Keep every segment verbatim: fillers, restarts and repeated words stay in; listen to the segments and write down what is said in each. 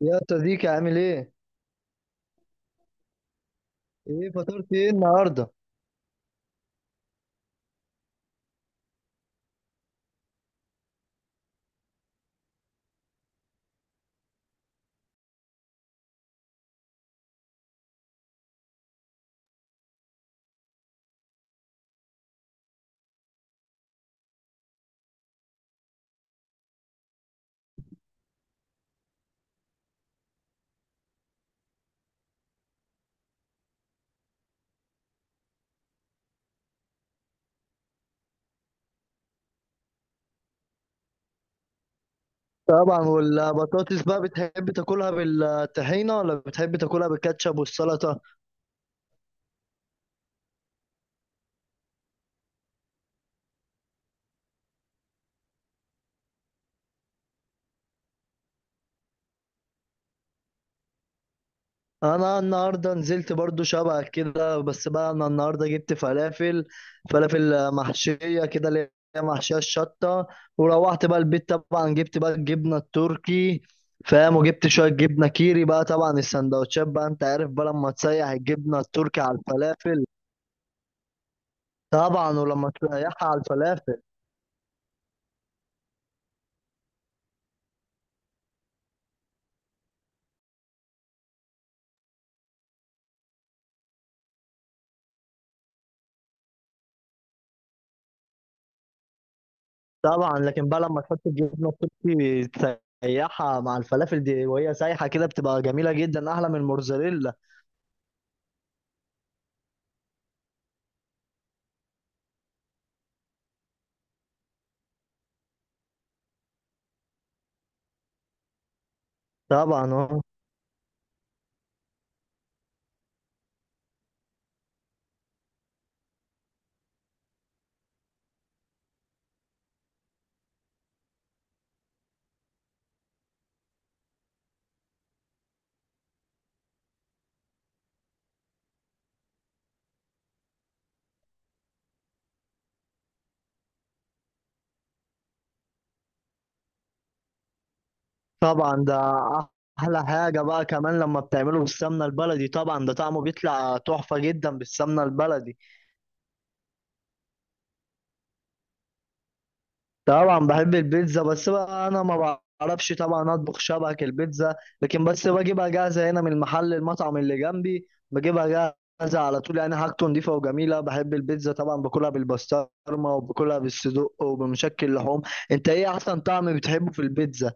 يا صديقي عامل ايه؟ ايه فطرت ايه النهارده؟ طبعا والبطاطس بقى بتحب تاكلها بالطحينة ولا بتحب تاكلها بالكاتشب والسلطة؟ انا النهارده نزلت برضو شبهك كده، بس بقى انا النهارده جبت فلافل فلافل محشية كده، اللي هي محشية الشطة. وروحت بقى البيت، طبعا جبت بقى الجبنة التركي، فاهم، وجبت شوية جبنة كيري بقى. طبعا السندوتشات بقى انت عارف بقى لما تسيح الجبنة التركي على الفلافل. طبعا. ولما تسيحها على الفلافل، طبعا لكن بقى لما تحط الجبنه التركي تسيحها مع الفلافل دي وهي سايحه كده بتبقى جميله جدا، احلى من الموتزاريلا. طبعا. اه. طبعا ده احلى حاجه بقى، كمان لما بتعمله بالسمنه البلدي طبعا ده طعمه بيطلع تحفه جدا بالسمنه البلدي. طبعا بحب البيتزا، بس بقى انا ما بعرفش طبعا اطبخ شبك البيتزا، لكن بس بجيبها جاهزه هنا من المحل، المطعم اللي جنبي بجيبها جاهزه على طول، يعني حاجته نضيفه وجميله. بحب البيتزا طبعا، باكلها بالبسطرمه وباكلها بالصدق وبمشكل لحوم. انت ايه احسن طعم بتحبه في البيتزا؟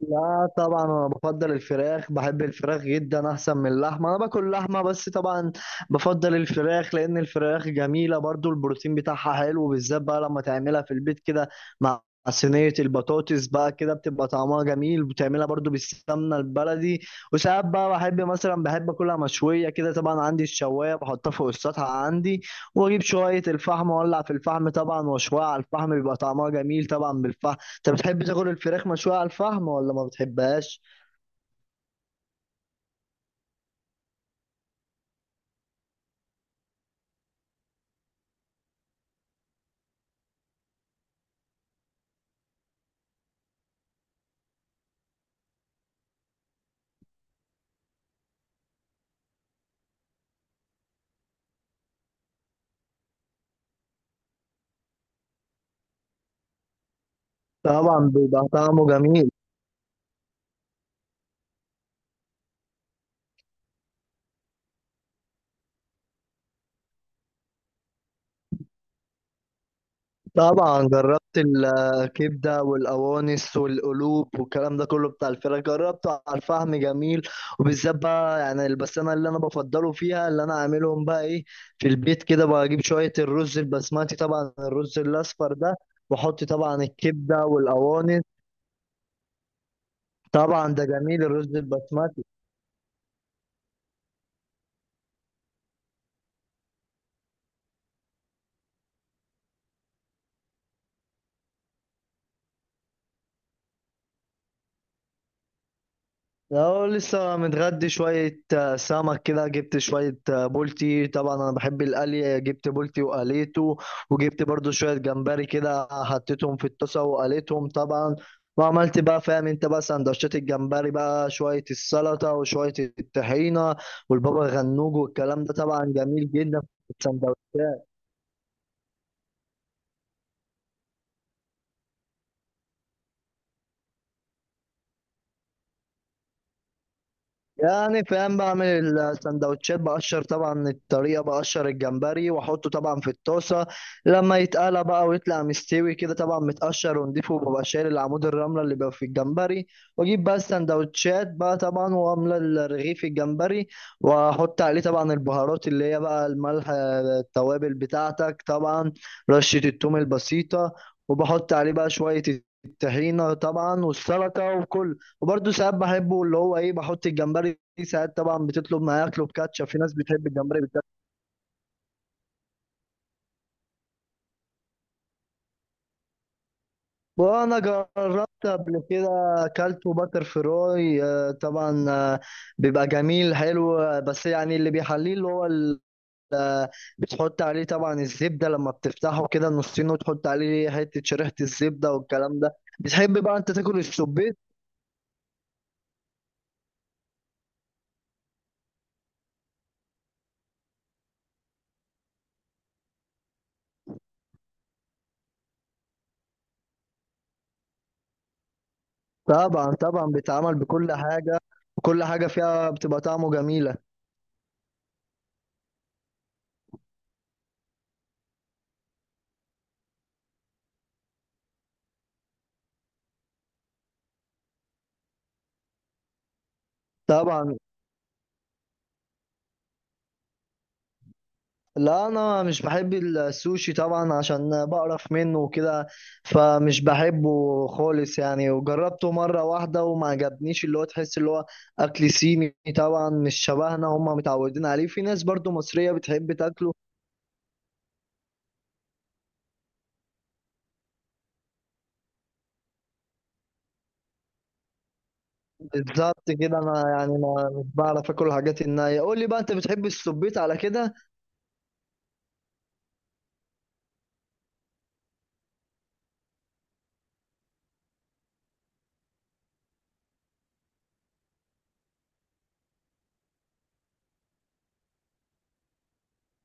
لا طبعا انا بفضل الفراخ، بحب الفراخ جدا احسن من اللحمه. انا باكل لحمه بس طبعا بفضل الفراخ، لان الفراخ جميله، برضو البروتين بتاعها حلو، بالذات بقى لما تعملها في البيت كده مع صينيه البطاطس بقى، كده بتبقى طعمها جميل، بتعملها برضو بالسمنه البلدي. وساعات بقى بحب مثلا بحب اكلها مشويه كده طبعا، عندي الشوايه بحطها فوق السطح عندي، واجيب شويه الفحم واولع في الفحم طبعا واشويها على الفحم، بيبقى طعمها جميل طبعا بالفحم. انت بتحب تاكل الفراخ مشوية على الفحم ولا ما بتحبهاش؟ طبعا بيبقى طعمه جميل. طبعا جربت الكبدة والقوانص والقلوب والكلام ده كله بتاع الفراخ، جربته على الفحم، جميل. وبالذات بقى يعني بس انا اللي انا بفضله فيها اللي انا عاملهم بقى ايه في البيت كده، بجيب شوية الرز البسمتي طبعا، الرز الاصفر ده، واحط طبعا الكبدة والقوانص. طبعا ده جميل الرز البسمتي. لو لسه متغدي شوية، آه، سمك كده، جبت شوية، آه، بولتي طبعا، أنا بحب القلي، آه، جبت بولتي وقليته. وجبت برضو شوية جمبري كده، حطيتهم في الطاسة وقليتهم طبعا، وعملت بقى فاهم انت بقى سندوتشات الجمبري بقى، شوية السلطة وشوية الطحينة والبابا غنوج والكلام ده، طبعا جميل جدا في السندوتشات. يعني فاهم، بعمل السندوتشات بقشر طبعا، الطريقة بقشر الجمبري واحطه طبعا في الطاسة، لما يتقلى بقى ويطلع مستوي كده طبعا متقشر ونضيفه، وببقى شايل العمود الرملة اللي بيبقى في الجمبري، واجيب بقى السندوتشات بقى طبعا واملى الرغيف الجمبري، واحط عليه طبعا البهارات اللي هي بقى الملح، التوابل بتاعتك طبعا، رشة التوم البسيطة، وبحط عليه بقى شوية الطحينة طبعا والسلطة وكل. وبرده ساعات بحبه اللي هو ايه، بحط الجمبري، ساعات طبعا بتطلب معاه اكله بكاتشب، في ناس بتحب الجمبري بالكاتشب. وانا جربت قبل كده، اكلته باتر فراي آه، طبعا، آه، بيبقى جميل حلو، آه، بس يعني اللي بيحليه اللي هو ال- بتحط عليه طبعا الزبده لما بتفتحه كده نصين وتحط عليه حته شريحه الزبده والكلام ده. بتحب بقى انت تاكل السبيت؟ طبعا طبعا بيتعمل بكل حاجه، كل حاجه فيها بتبقى طعمه جميله. طبعا. لا انا مش بحب السوشي طبعا عشان بقرف منه وكده، فمش بحبه خالص يعني، وجربته مره واحده وما عجبنيش. اللي هو تحس اللي هو اكل صيني طبعا، مش شبهنا، هم متعودين عليه، في ناس برضو مصريه بتحب تاكله. بالظبط كده، انا يعني ما مش بعرف اكل الحاجات النيه. قول لي بقى، انت بتحب السبيت على كده؟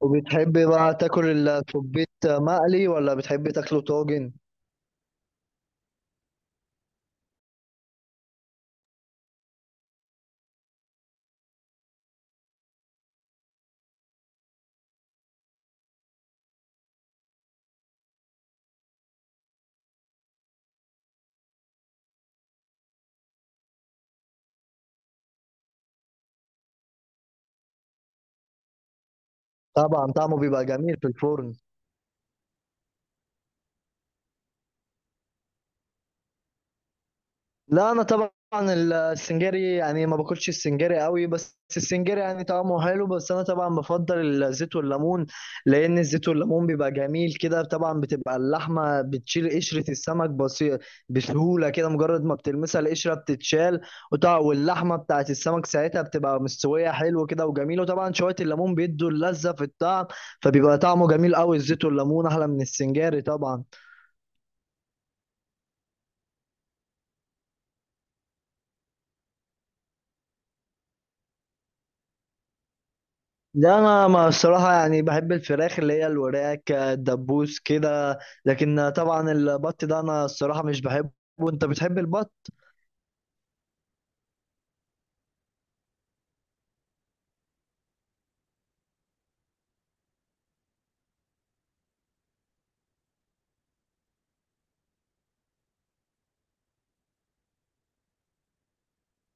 وبتحب بقى تاكل السبيت مقلي ولا بتحب تاكله طاجن؟ طبعا طعمه بيبقى جميل في الفرن. لا انا طبعا السنجاري يعني ما باكلش السنجاري قوي، بس السنجاري يعني طعمه حلو، بس انا طبعا بفضل الزيت والليمون، لان الزيت والليمون بيبقى جميل كده طبعا، بتبقى اللحمه بتشيل قشره السمك بسي- بسهوله كده، مجرد ما بتلمسها القشره بتتشال، وطبعا واللحمه بتاعت السمك ساعتها بتبقى مستويه حلو كده وجميل، وطبعا شويه الليمون بيدوا اللذه في الطعم، فبيبقى طعمه جميل قوي، الزيت والليمون احلى من السنجاري طبعا. لا انا ما الصراحه يعني بحب الفراخ اللي هي الوراك الدبوس كده، لكن طبعا البط ده انا الصراحه مش بحبه. وانت بتحب البط؟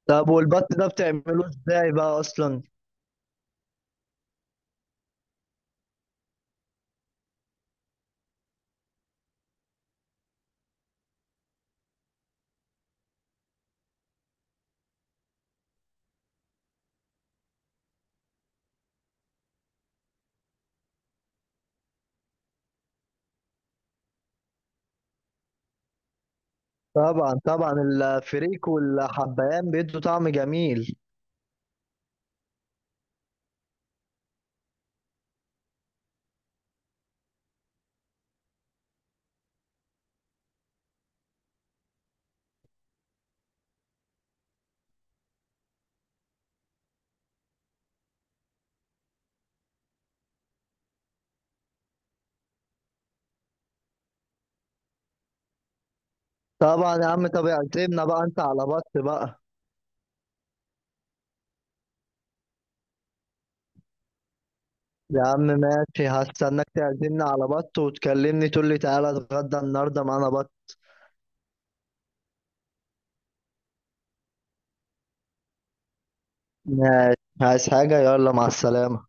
طب والبط ده بتعمله ازاي بقى اصلا؟ طبعا طبعا الفريك والحبهان بيدوا طعم جميل. طبعا يا عم، طب اعزمنا بقى انت على بط بقى. يا عم ماشي، هستناك تعزمنا على بط وتكلمني تقول لي تعالى اتغدى النهارده معانا بط. ماشي، عايز حاجه؟ يلا مع السلامه.